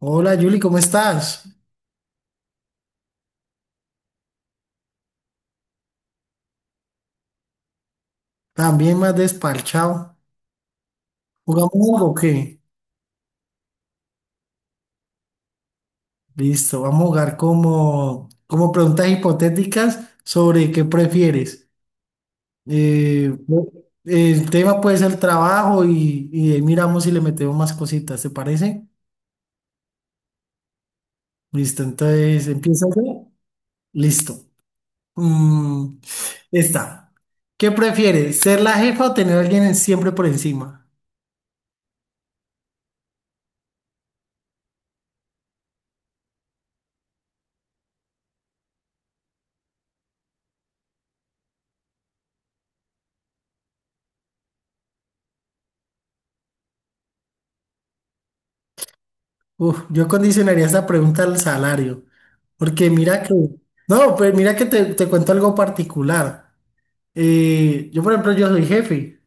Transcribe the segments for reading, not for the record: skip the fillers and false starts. Hola Yuli, ¿cómo estás? También más desparchado. ¿Jugamos algo o qué? Listo, vamos a jugar como preguntas hipotéticas sobre qué prefieres. Eh, el tema puede ser trabajo y ahí miramos si le metemos más cositas, ¿te parece? Listo, entonces empieza yo. Listo. Mm, esta. ¿Qué prefieres? ¿Ser la jefa o tener a alguien siempre por encima? Uf, yo condicionaría esta pregunta al salario. Porque mira que, no, pues mira que te cuento algo particular. Yo, por ejemplo, yo soy jefe,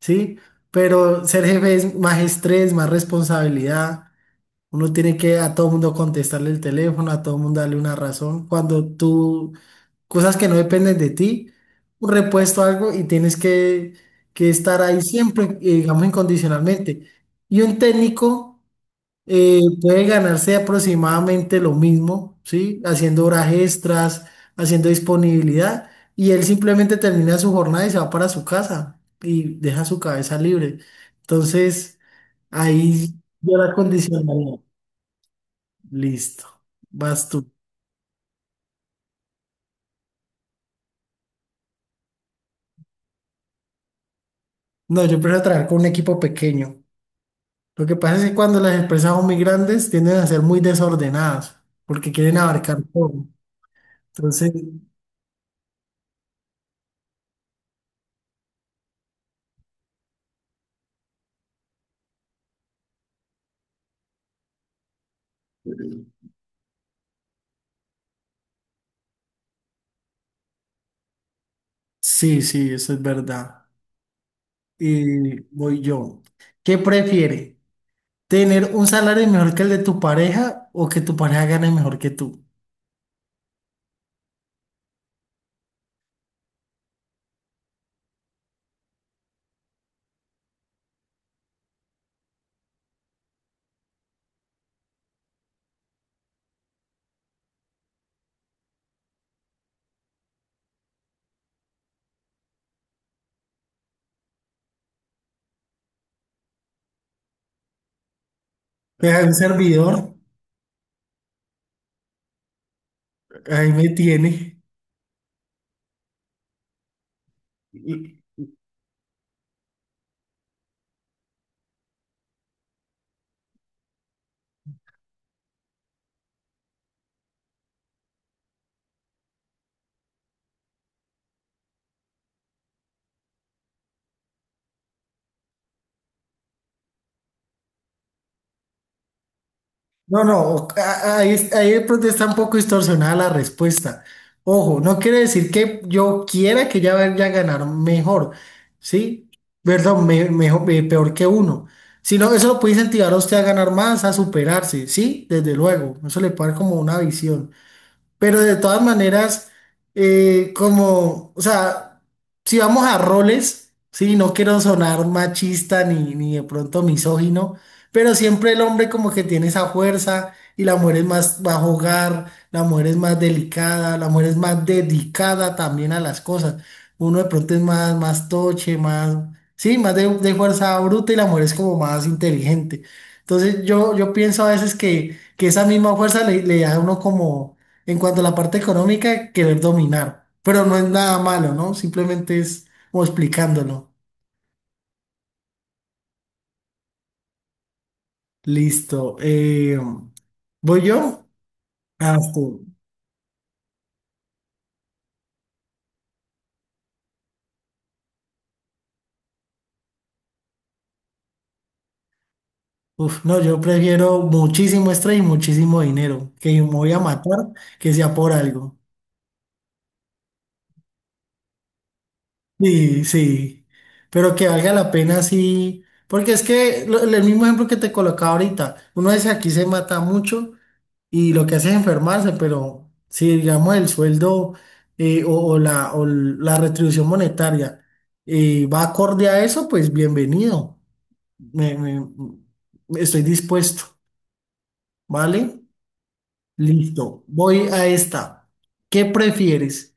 ¿sí? Pero ser jefe es más estrés, más responsabilidad. Uno tiene que a todo mundo contestarle el teléfono, a todo mundo darle una razón. Cuando tú, cosas que no dependen de ti, un repuesto, algo, y tienes que estar ahí siempre, digamos, incondicionalmente. Y un técnico puede ganarse aproximadamente lo mismo, ¿sí? Haciendo horas extras, haciendo disponibilidad, y él simplemente termina su jornada y se va para su casa y deja su cabeza libre. Entonces, ahí yo la condicionaría. Listo, vas tú. No, yo prefiero trabajar con un equipo pequeño. Lo que pasa es que cuando las empresas son muy grandes tienden a ser muy desordenadas porque quieren abarcar todo. Entonces, sí, sí, eso es verdad. Y voy yo. ¿Qué prefiere? ¿Tener un salario mejor que el de tu pareja o que tu pareja gane mejor que tú? Deja, hay un servidor, ahí me tiene. Y- No, no, ahí, ahí de pronto está un poco distorsionada la respuesta. Ojo, no quiere decir que yo quiera que ella vaya a ganar mejor, ¿sí? Perdón, mejor, peor que uno. Sino eso lo puede incentivar a usted a ganar más, a superarse, ¿sí? Desde luego, eso le puede dar como una visión. Pero de todas maneras, como, o sea, si vamos a roles, sí, no quiero sonar machista ni de pronto misógino, pero siempre el hombre como que tiene esa fuerza y la mujer es más, va a jugar, la mujer es más delicada, la mujer es más dedicada también a las cosas. Uno de pronto es más, más toche, más, sí, más de fuerza bruta y la mujer es como más inteligente. Entonces yo pienso a veces que esa misma fuerza le da a uno como en cuanto a la parte económica, querer dominar. Pero no es nada malo, ¿no? Simplemente es como explicándolo. Listo. ¿Voy yo? Ah, sí. Uf, no, yo prefiero muchísimo estrés y muchísimo dinero. Que me voy a matar, que sea por algo. Sí, sí, pero que valga la pena sí, porque es que el mismo ejemplo que te colocaba ahorita, uno dice aquí se mata mucho, y lo que hace es enfermarse, pero si digamos el sueldo o, o la retribución monetaria va acorde a eso, pues bienvenido. Me, me- Estoy dispuesto, ¿vale? Listo, voy a esta. ¿Qué prefieres?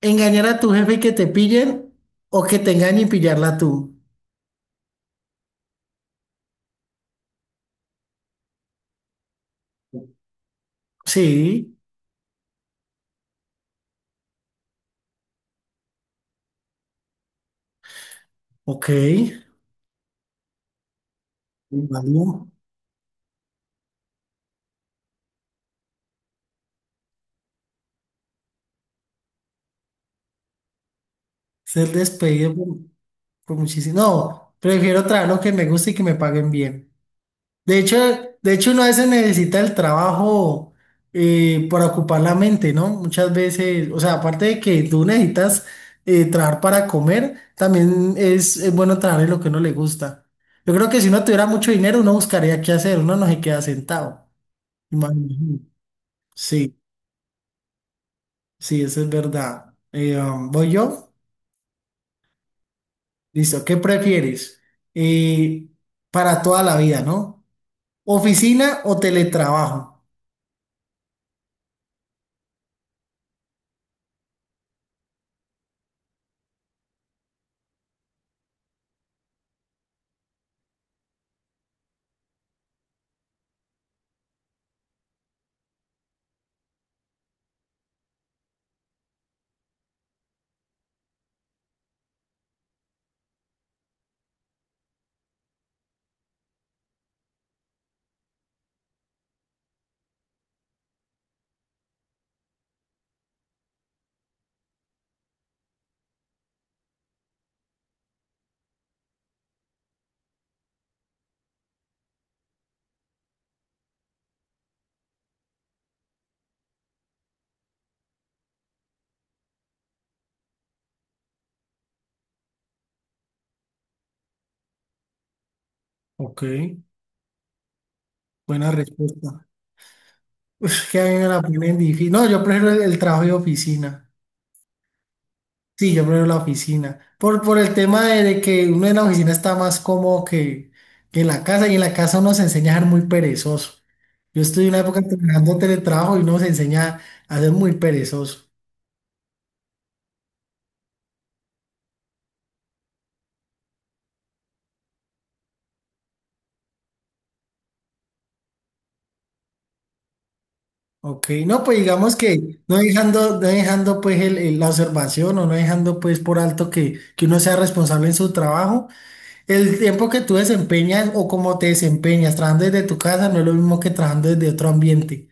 ¿Engañar a tu jefe y que te pillen o que te engañen y pillarla tú? Sí, ok. Válido. Ser despedido por muchísimo. No, prefiero trabajar lo que me gusta y que me paguen bien. De hecho, de hecho uno a veces necesita el trabajo para ocupar la mente, ¿no? Muchas veces, o sea, aparte de que tú necesitas trabajar para comer, también es bueno trabajar en lo que uno le gusta. Yo creo que si uno tuviera mucho dinero, uno buscaría qué hacer, uno no se queda sentado. Imagínate. Sí, sí, eso es verdad. ¿Voy yo? Listo, ¿qué prefieres? Eh, para toda la vida, ¿no? ¿Oficina o teletrabajo? Ok, buena respuesta. Uf, que a mí me la ponen difícil. No, yo prefiero el trabajo de oficina. Sí, yo prefiero la oficina. Por el tema de que uno en la oficina está más cómodo que en la casa y en la casa uno se enseña a ser muy perezoso. Yo estuve en una época trabajando teletrabajo y uno se enseña a ser muy perezoso. Ok, no, pues digamos que no dejando, no dejando pues la observación o no dejando pues por alto que uno sea responsable en su trabajo. El tiempo que tú desempeñas o cómo te desempeñas trabajando desde tu casa no es lo mismo que trabajando desde otro ambiente.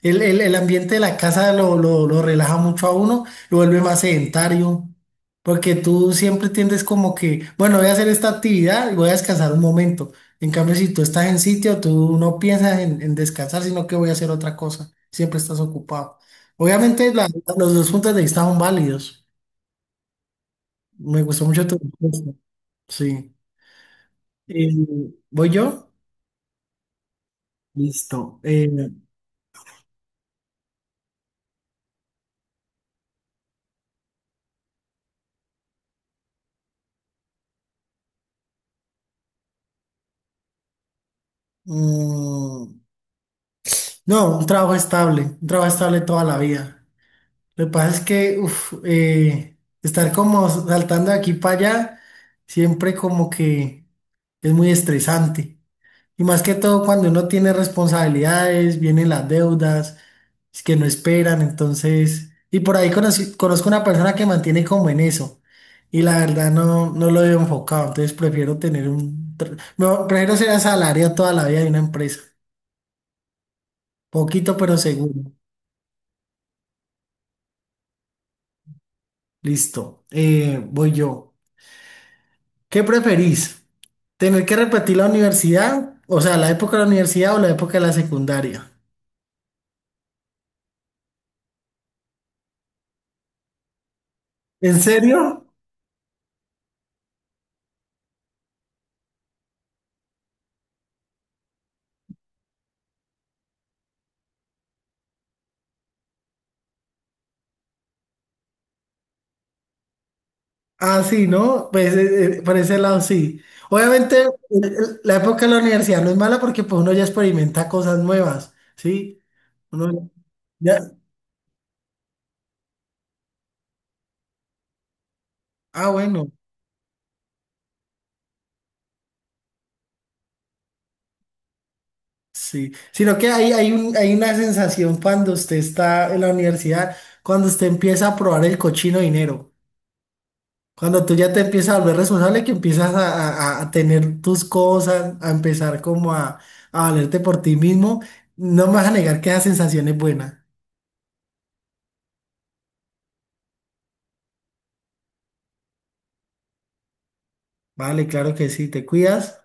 El ambiente de la casa lo relaja mucho a uno, lo vuelve más sedentario, porque tú siempre tiendes como que, bueno, voy a hacer esta actividad y voy a descansar un momento. En cambio, si tú estás en sitio, tú no piensas en descansar, sino que voy a hacer otra cosa. Siempre estás ocupado. Obviamente, los dos puntos de vista son válidos. Me gustó mucho tu respuesta. Sí. Eh, ¿Voy yo? Listo. Mm, no, un trabajo estable toda la vida. Lo que pasa es que uf, estar como saltando de aquí para allá, siempre como que es muy estresante. Y más que todo cuando uno tiene responsabilidades, vienen las deudas, es que no esperan, entonces, y por ahí conozco una persona que mantiene como en eso, y la verdad no, no lo veo enfocado, entonces prefiero tener un, no, prefiero ser asalariado toda la vida de una empresa, poquito pero seguro, listo, voy yo, ¿qué preferís? ¿Tener que repetir la universidad? O sea, ¿la época de la universidad o la época de la secundaria? ¿En serio? Ah, sí, ¿no? Pues por ese lado sí. Obviamente la época de la universidad no es mala porque pues uno ya experimenta cosas nuevas, ¿sí? Uno ya- ah, bueno, sí. Sino que hay un, hay una sensación cuando usted está en la universidad, cuando usted empieza a probar el cochino dinero, cuando tú ya te empiezas a volver responsable, que empiezas a, tener tus cosas, a empezar como a valerte por ti mismo, no me vas a negar que esa sensación es buena. Vale, claro que sí, te cuidas.